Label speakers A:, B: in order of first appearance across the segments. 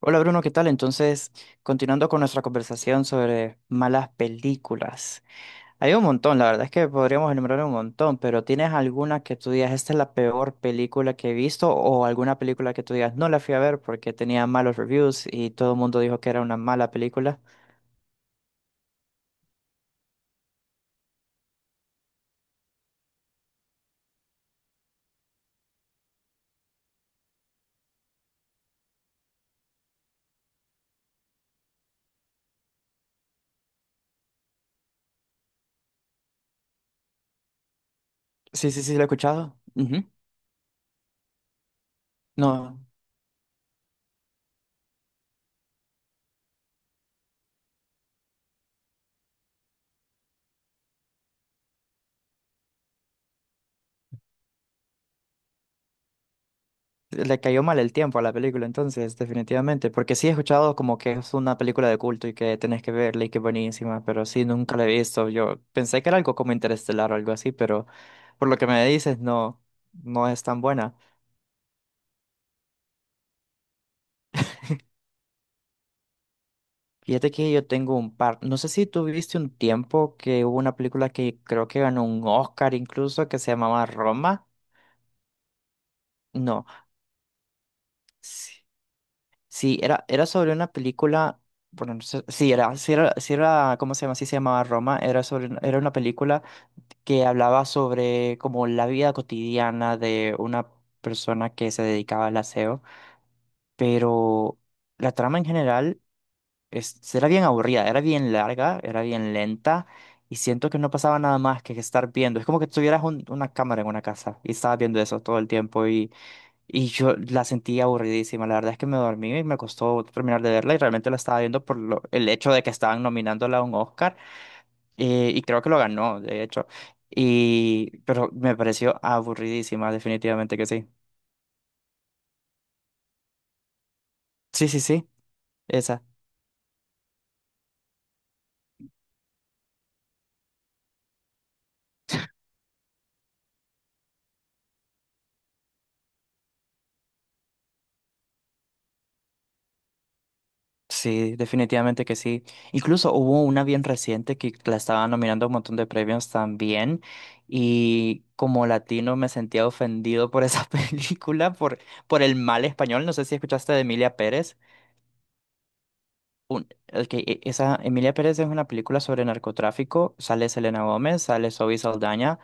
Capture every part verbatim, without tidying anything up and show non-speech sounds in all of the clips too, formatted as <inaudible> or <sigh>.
A: Hola Bruno, ¿qué tal? Entonces, continuando con nuestra conversación sobre malas películas. Hay un montón, la verdad es que podríamos enumerar un montón, pero ¿tienes alguna que tú digas, esta es la peor película que he visto? ¿O alguna película que tú digas, no la fui a ver porque tenía malos reviews y todo el mundo dijo que era una mala película? Sí, sí, sí, la he escuchado. Ujú. No. Le cayó mal el tiempo a la película, entonces, definitivamente. Porque sí he escuchado como que es una película de culto y que tenés que verla y que es buenísima, pero sí, nunca la he visto. Yo pensé que era algo como Interestelar o algo así, pero por lo que me dices, no, no es tan buena. Fíjate que yo tengo un par. No sé si tú viste un tiempo que hubo una película que creo que ganó un Oscar incluso, que se llamaba Roma. No. Sí. Sí, era, era sobre una película, bueno, no sé- sí, era, sí era, sí era, ¿cómo se llama? Sí se llamaba Roma, era sobre, una- era una película que hablaba sobre como la vida cotidiana de una persona que se dedicaba al aseo, pero la trama en general es, era bien aburrida, era bien larga, era bien lenta, y siento que no pasaba nada más que estar viendo, es como que tuvieras un- una cámara en una casa y estabas viendo eso todo el tiempo y yo la sentí aburridísima. La verdad es que me dormí y me costó terminar de verla y realmente la estaba viendo por lo- el hecho de que estaban nominándola a un Oscar, eh, y creo que lo ganó, de hecho. Y, pero me pareció aburridísima, definitivamente que sí. Sí, sí, sí, esa. Sí, definitivamente que sí. Incluso hubo una bien reciente que la estaba nominando a un montón de premios también y como latino me sentía ofendido por esa <laughs> película, por, por, el mal español. No sé si escuchaste de Emilia Pérez. un- ok, e- esa Emilia Pérez es una película sobre narcotráfico, sale Selena Gómez, sale Zoe Saldaña.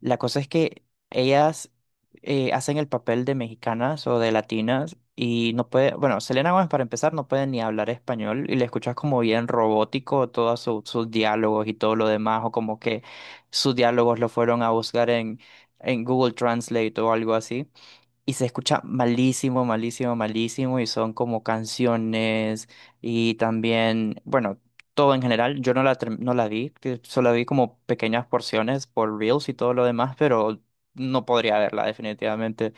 A: La cosa es que ellas, eh, hacen el papel de mexicanas o de latinas y no puede, bueno, Selena Gómez para empezar no puede ni hablar español y le escuchas como bien robótico todos su- sus diálogos y todo lo demás, o como que sus diálogos lo fueron a buscar en, en Google Translate o algo así. Y se escucha malísimo, malísimo, malísimo. Y son como canciones y también, bueno, todo en general. Yo no la, term- no la vi, que solo vi como pequeñas porciones por Reels y todo lo demás, pero no podría verla definitivamente.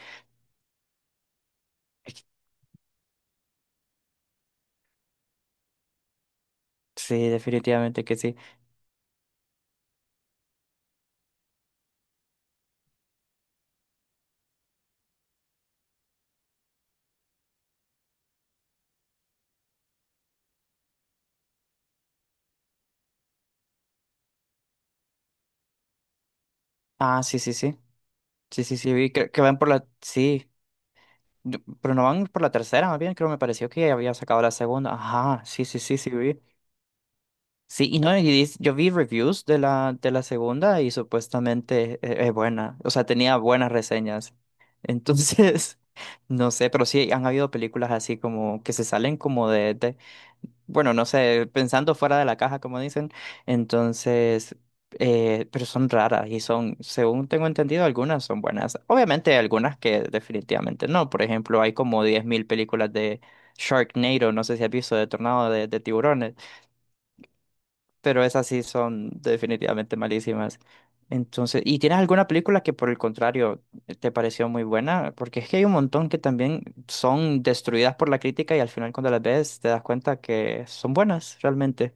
A: Es que- Sí, definitivamente que sí. Ah, sí, sí, sí. Sí, sí, sí, vi que, que van por la... Sí, yo- pero no van por la tercera, más bien creo me pareció que ya había sacado la segunda. Ajá, sí, sí, sí, sí, vi. Sí, y no, y dis- yo vi reviews de la, de la segunda y supuestamente es, es buena, o sea, tenía buenas reseñas. Entonces, <laughs> no sé, pero sí han habido películas así como que se salen como de, de- bueno, no sé, pensando fuera de la caja, como dicen. Entonces, eh, pero son raras y son, según tengo entendido, algunas son buenas. Obviamente hay algunas que definitivamente no. Por ejemplo, hay como diez mil películas de Sharknado, no sé si has visto, de Tornado de, de Tiburones, pero esas sí son definitivamente malísimas. Entonces, ¿y tienes alguna película que por el contrario te pareció muy buena? Porque es que hay un montón que también son destruidas por la crítica y al final cuando las ves te das cuenta que son buenas realmente.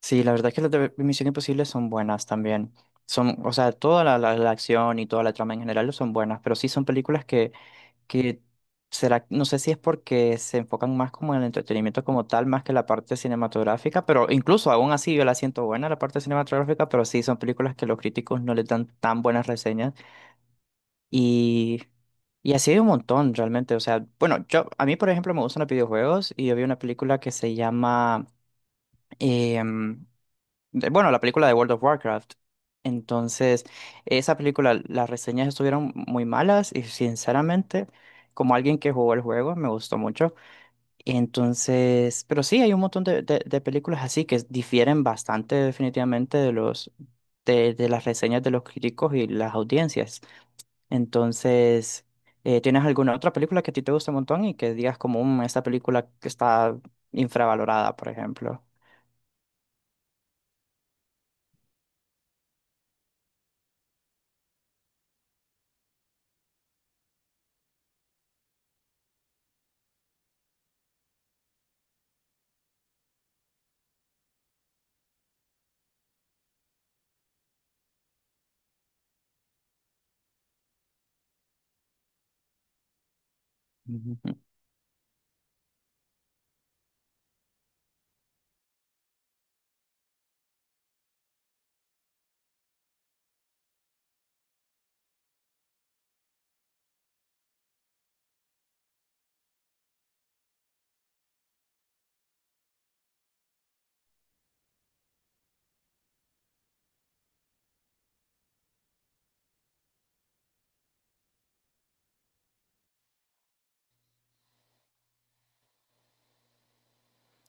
A: Sí, la verdad es que las de Misión Imposible son buenas también. Son, o sea, toda la, la- la acción y toda la trama en general son buenas, pero sí son películas que que será, no sé si es porque se enfocan más como en el entretenimiento como tal, más que la parte cinematográfica, pero incluso aún así yo la siento buena la parte cinematográfica, pero sí son películas que los críticos no les dan tan buenas reseñas, y, y así hay un montón realmente, o sea, bueno, yo, a mí por ejemplo me gustan los videojuegos y yo vi una película que se llama, em, de- bueno, la película de World of Warcraft. Entonces, esa película, las reseñas estuvieron muy malas y sinceramente, como alguien que jugó el juego, me gustó mucho. Entonces, pero sí, hay un montón de, de- de películas así que difieren bastante definitivamente de los, de, de las reseñas de los críticos y las audiencias. Entonces, eh, ¿tienes alguna otra película que a ti te gusta un montón y que digas como, "Mm, esta película que está infravalorada", por ejemplo?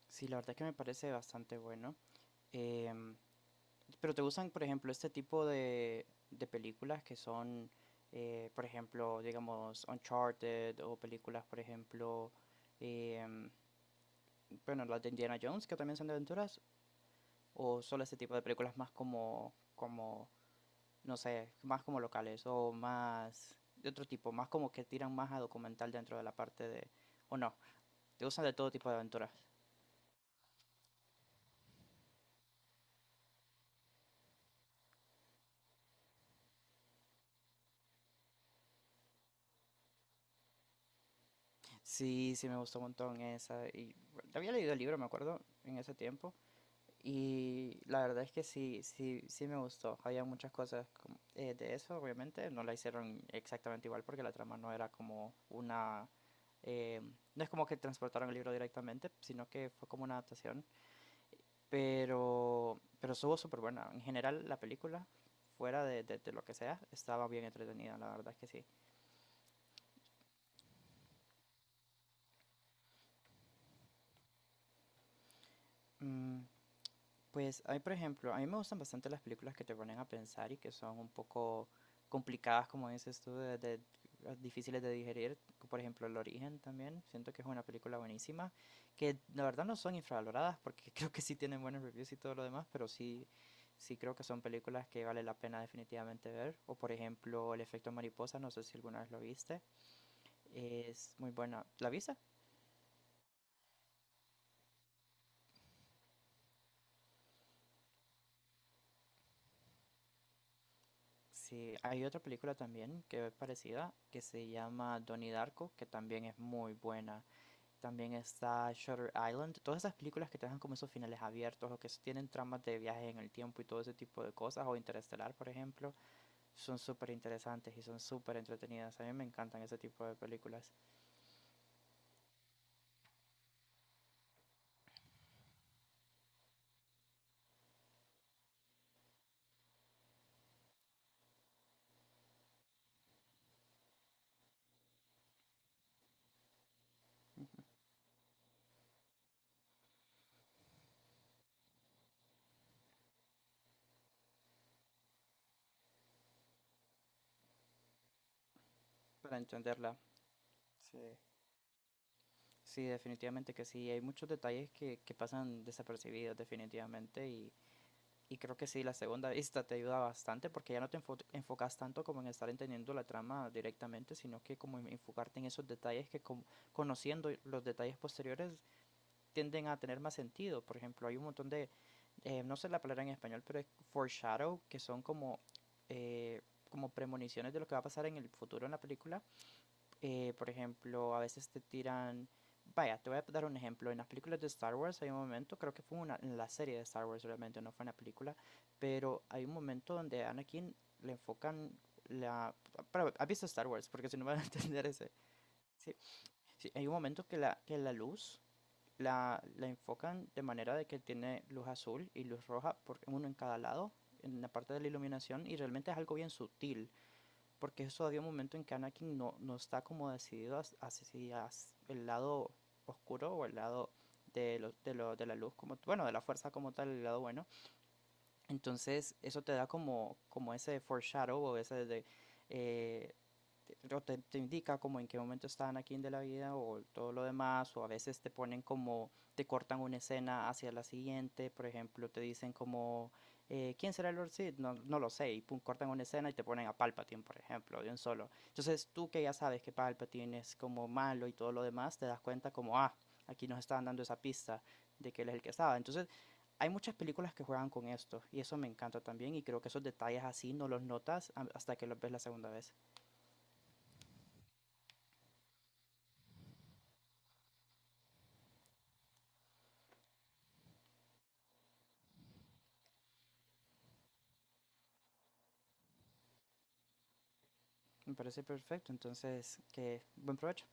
A: Sí, la verdad que me parece bastante bueno. Em, pero ¿te gustan, por ejemplo, este tipo de, de películas que son, eh, por ejemplo, digamos, Uncharted, o películas, por ejemplo, em, bueno, las de Indiana Jones, que también son de aventuras, o solo este tipo de películas más como, como, no sé, más como locales o más de otro tipo, más como que tiran más a documental dentro de la parte de, o no, ¿te gustan de todo tipo de aventuras? Sí, sí me gustó un montón esa. Y había leído el libro, me acuerdo, en ese tiempo. Y la verdad es que sí, sí, sí me gustó. Había muchas cosas como- eh, de eso, obviamente. No la hicieron exactamente igual porque la trama no era como una... eh, no es como que transportaron el libro directamente, sino que fue como una adaptación. Pero, pero estuvo súper buena. En general, la película, fuera de, de- de lo que sea, estaba bien entretenida, la verdad es que sí. Mm, Pues hay, por ejemplo, a mí me gustan bastante las películas que te ponen a pensar y que son un poco complicadas, como dices tú, de, de- ah, difíciles de digerir. Por ejemplo, El Origen también. Siento que es una película buenísima, que la verdad no son infravaloradas porque <laughs> creo que sí tienen buenos reviews y todo lo demás, pero sí, sí creo que son películas que vale la pena definitivamente ver. O por ejemplo, El Efecto Mariposa, no sé si alguna vez lo viste. Es muy buena. ¿La viste? Sí, hay otra película también que es parecida, que se llama Donnie Darko, que también es muy buena. También está Shutter Island, todas esas películas que te dejan como esos finales abiertos o que s- tienen tramas de viajes en el tiempo y todo ese tipo de cosas, o Interestelar, por ejemplo, son súper interesantes y son súper entretenidas. A mí me encantan ese tipo de películas para entenderla. Sí. Sí, definitivamente que sí. Hay muchos detalles que, que pasan desapercibidos, definitivamente, y Y creo que sí, la segunda vista te ayuda bastante porque ya no te enfo- enfocas tanto como en estar entendiendo la trama directamente, sino que como en enfocarte en esos detalles que, como- conociendo los detalles posteriores, tienden a tener más sentido. Por ejemplo, hay un montón de, eh, no sé la palabra en español, pero es foreshadow, que son como, eh, como premoniciones de lo que va a pasar en el futuro en la película. Eh, por ejemplo, a veces te tiran... Vaya, te voy a dar un ejemplo. En las películas de Star Wars hay un momento, creo que fue una, en la serie de Star Wars realmente, no fue en la película, pero hay un momento donde a Anakin le enfocan la... Para, ¿has visto Star Wars? Porque si no, van a <laughs> entender ese... Sí, sí, hay un momento que la, que la luz la, la enfocan de manera de que tiene luz azul y luz roja, por, uno en cada lado, en la parte de la iluminación, y realmente es algo bien sutil porque eso, había un momento en que Anakin no, no está como decidido hacia el lado oscuro o el lado de, lo, de, lo, de la luz, como bueno, de la fuerza como tal, el lado bueno. Entonces eso te da como, como ese foreshadow o ese de... Eh, te, te- te indica como en qué momento están aquí en de la vida o todo lo demás, o a veces te ponen como, te cortan una escena hacia la siguiente, por ejemplo, te dicen como, eh, ¿quién será el Lord Sid? No, no lo sé, y pum, cortan una escena y te ponen a Palpatine, por ejemplo, de un solo. Entonces tú, que ya sabes que Palpatine es como malo y todo lo demás, te das cuenta como, ah, aquí nos estaban dando esa pista de que él es el que estaba. Entonces hay muchas películas que juegan con esto y eso me encanta también, y creo que esos detalles así no los notas hasta que los ves la segunda vez. Me parece perfecto, entonces que buen provecho.